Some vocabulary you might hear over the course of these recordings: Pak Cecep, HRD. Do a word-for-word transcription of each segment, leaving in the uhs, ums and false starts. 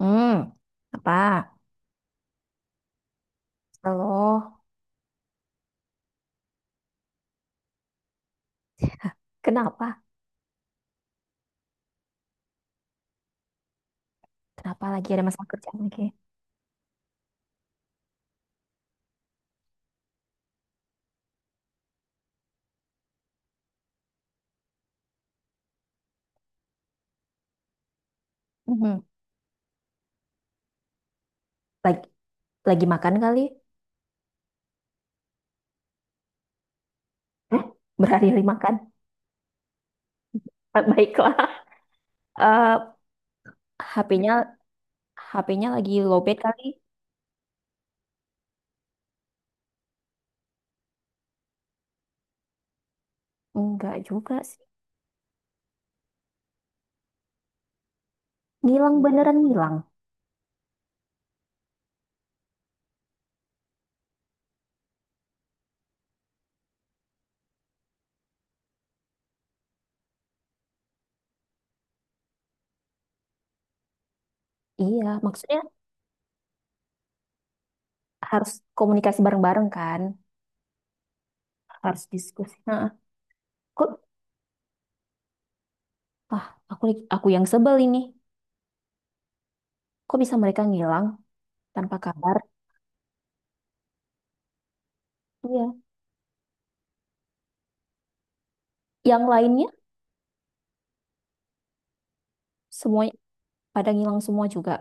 Hmm, apa? Halo, kenapa? Kenapa lagi ada masalah kerjaan lagi? Mhm. Lagi, lagi makan kali? Hah? Berhari-hari makan? Ah, baiklah. Eh, H P-nya H P-nya lagi lowbat kali? Enggak juga sih. Ngilang beneran ngilang. Iya, maksudnya harus komunikasi bareng-bareng kan? Harus diskusi. Nah, kok ah, aku aku yang sebel ini. Kok bisa mereka ngilang tanpa kabar? Iya. Yang lainnya semuanya pada ngilang semua juga.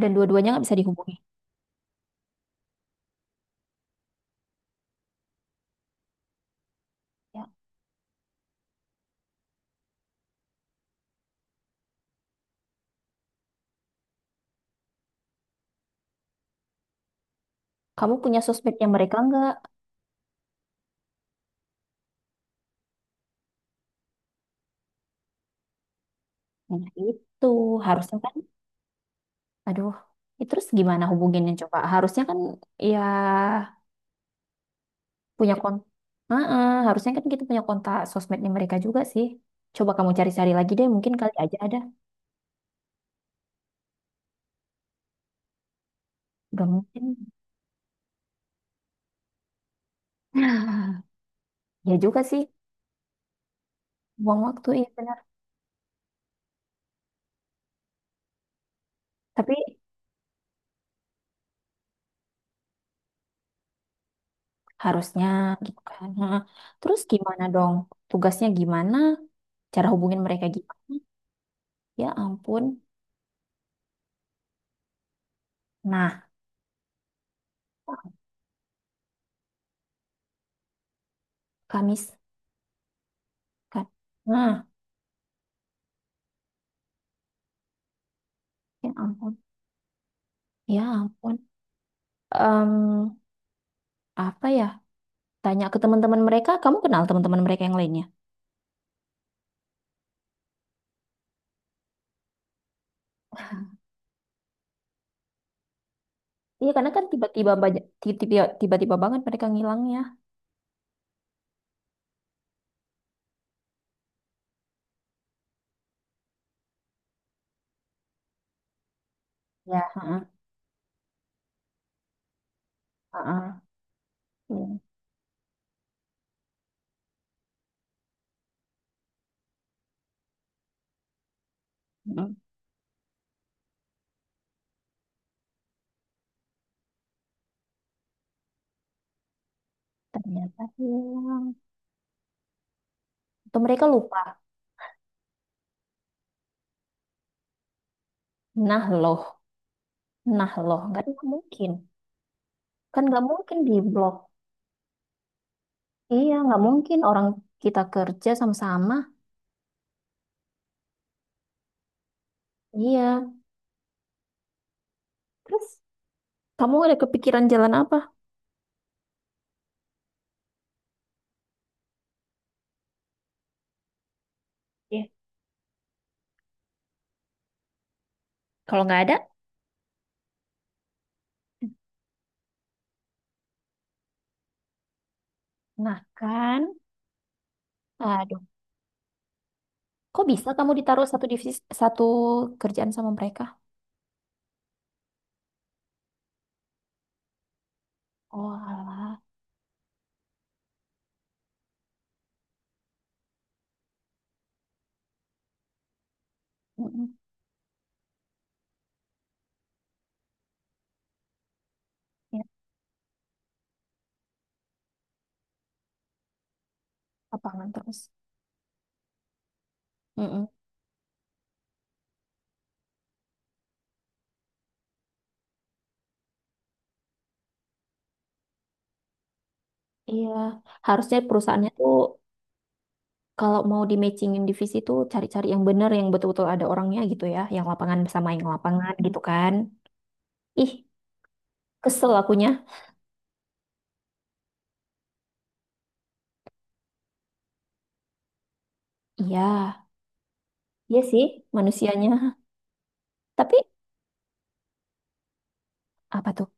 Dan dua-duanya nggak bisa dihubungi. Ya. Kamu punya sosmednya mereka nggak? Nah, itu harusnya kan, aduh, ya terus gimana hubunginnya coba? Harusnya kan ya punya kon, heeh, harusnya kan kita punya kontak sosmednya mereka juga sih. Coba kamu cari-cari lagi deh, mungkin kali aja ada. Udah mungkin. Ya juga sih, buang waktu ya benar. Tapi harusnya gitu kan. Heeh. Terus gimana dong? Tugasnya gimana? Cara hubungin mereka gimana? Ya ampun. Nah, Kamis kan. Nah, ya ampun. Ya ampun. Em, apa ya? Tanya ke teman-teman mereka, kamu kenal teman-teman mereka yang lainnya? Iya, karena kan tiba-tiba banyak, tiba-tiba, tiba-tiba banget mereka ngilangnya. Ya, heeh, heeh. Iya. mm Ternyata hilang. Atau mereka lupa. Nah loh, nah loh, nggak ada- nggak mungkin. Kan nggak mungkin di blok. Iya, nggak mungkin orang kita kerja sama-sama. Iya. Terus kamu ada kepikiran jalan apa? Iya. Kalau nggak ada, nah kan. Aduh, kok bisa kamu ditaruh satu divisi satu kerjaan sama mereka? Oh, alah. Mm-mm. Ya, lapangan terus. Mm-mm. Iya, harusnya perusahaannya tuh kalau mau di matchingin divisi tuh cari-cari yang bener yang betul-betul ada orangnya gitu ya, yang lapangan sama yang lapangan gitu kan. Ih, kesel akunya. Iya, iya sih manusianya. Tapi apa tuh?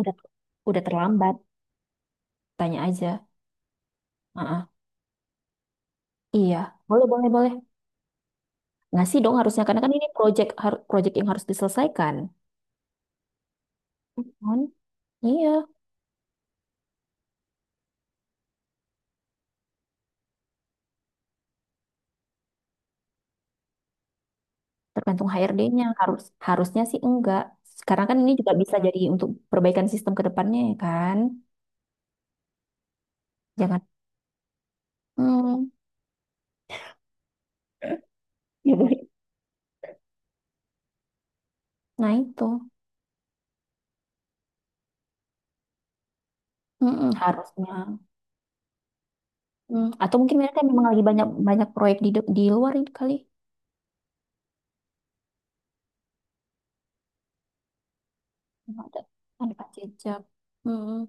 Udah udah terlambat, tanya aja. Heeh. Iya, boleh boleh boleh. Ngasih dong harusnya karena kan ini project har- project yang harus diselesaikan. Kan? Iya, tergantung H R D-nya. Harus harusnya sih enggak. Sekarang kan ini juga bisa jadi untuk perbaikan sistem ke depannya ya kan. Jangan hmm, ya boleh. Nah itu mm-mm, harusnya. Hmm, atau mungkin mereka memang lagi banyak banyak proyek di de- di luar ini kali. Ada ada Pak Cecep. Mm-mm,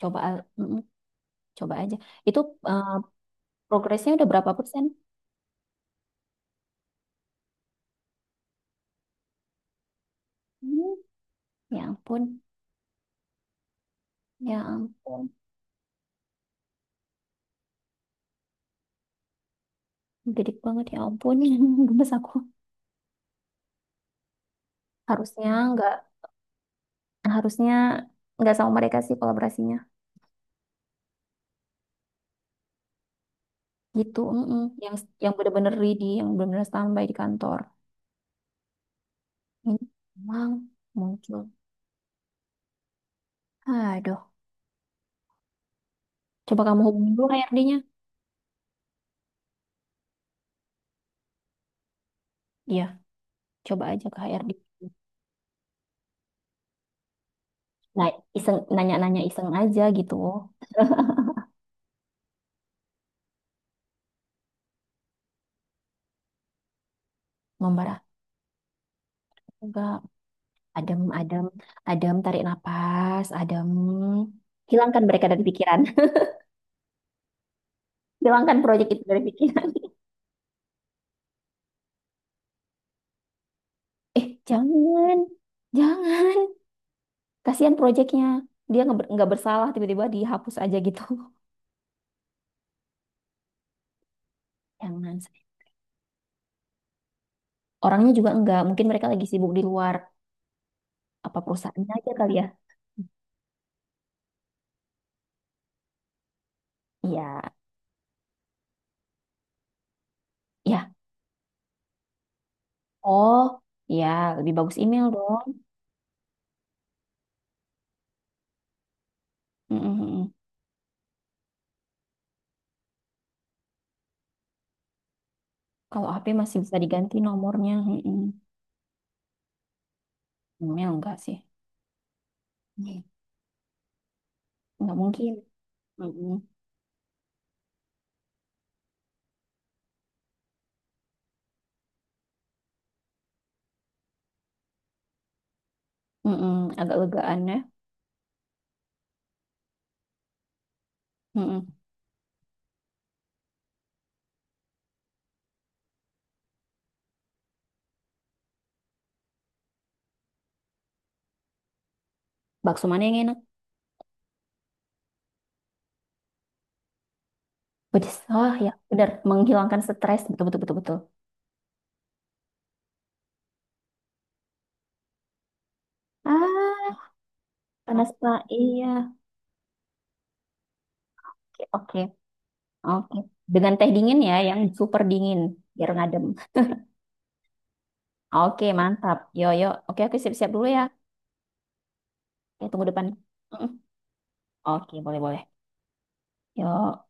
coba al- mm-mm, coba aja. Itu eh, progresnya udah berapa persen? Hmm, ya ampun. Ya ampun. Gedik banget ya ampun, gemes aku. Harusnya nggak, harusnya nggak sama mereka sih kolaborasinya. Gitu, mm-mm. Yang yang bener-bener ready, yang bener-bener standby di kantor. Ini emang muncul. Aduh, coba kamu hubungi dulu H R D-nya. Iya, coba aja ke H R D. Nah, iseng nanya-nanya iseng aja gitu. Ngombar aku enggak. Adem, adem, adem, tarik napas, adem. Hilangkan mereka dari pikiran. Hilangkan proyek itu dari pikiran. Eh, jangan. Jangan. Kasihan proyeknya. Dia nggak ber- nggak bersalah tiba-tiba dihapus aja gitu. Jangan. Sih. Orangnya juga enggak. Mungkin mereka lagi sibuk di luar. Apa perusahaannya aja kali ya? Iya. Ya. Oh. Ya. Lebih bagus email dong. Mm-mm-mm. Kalau H P masih bisa diganti nomornya. Mm-mm. Email enggak sih. Mm. Enggak mungkin. Mm-mm. Mm-mm. Agak legaan ya. Mm-mm. Bakso mana yang enak? Pedes. Oh ya. Benar. Menghilangkan stres. Betul-betul. Betul-betul. Ah. Panas, Pak. Iya. Oke. Oke. Oke, dengan teh dingin ya, yang super dingin, biar ngadem. Oke, mantap. Yo, yo. Oke, aku siap-siap dulu ya. Ya, tunggu depan. Mm-mm. Oke, boleh, boleh. Yo.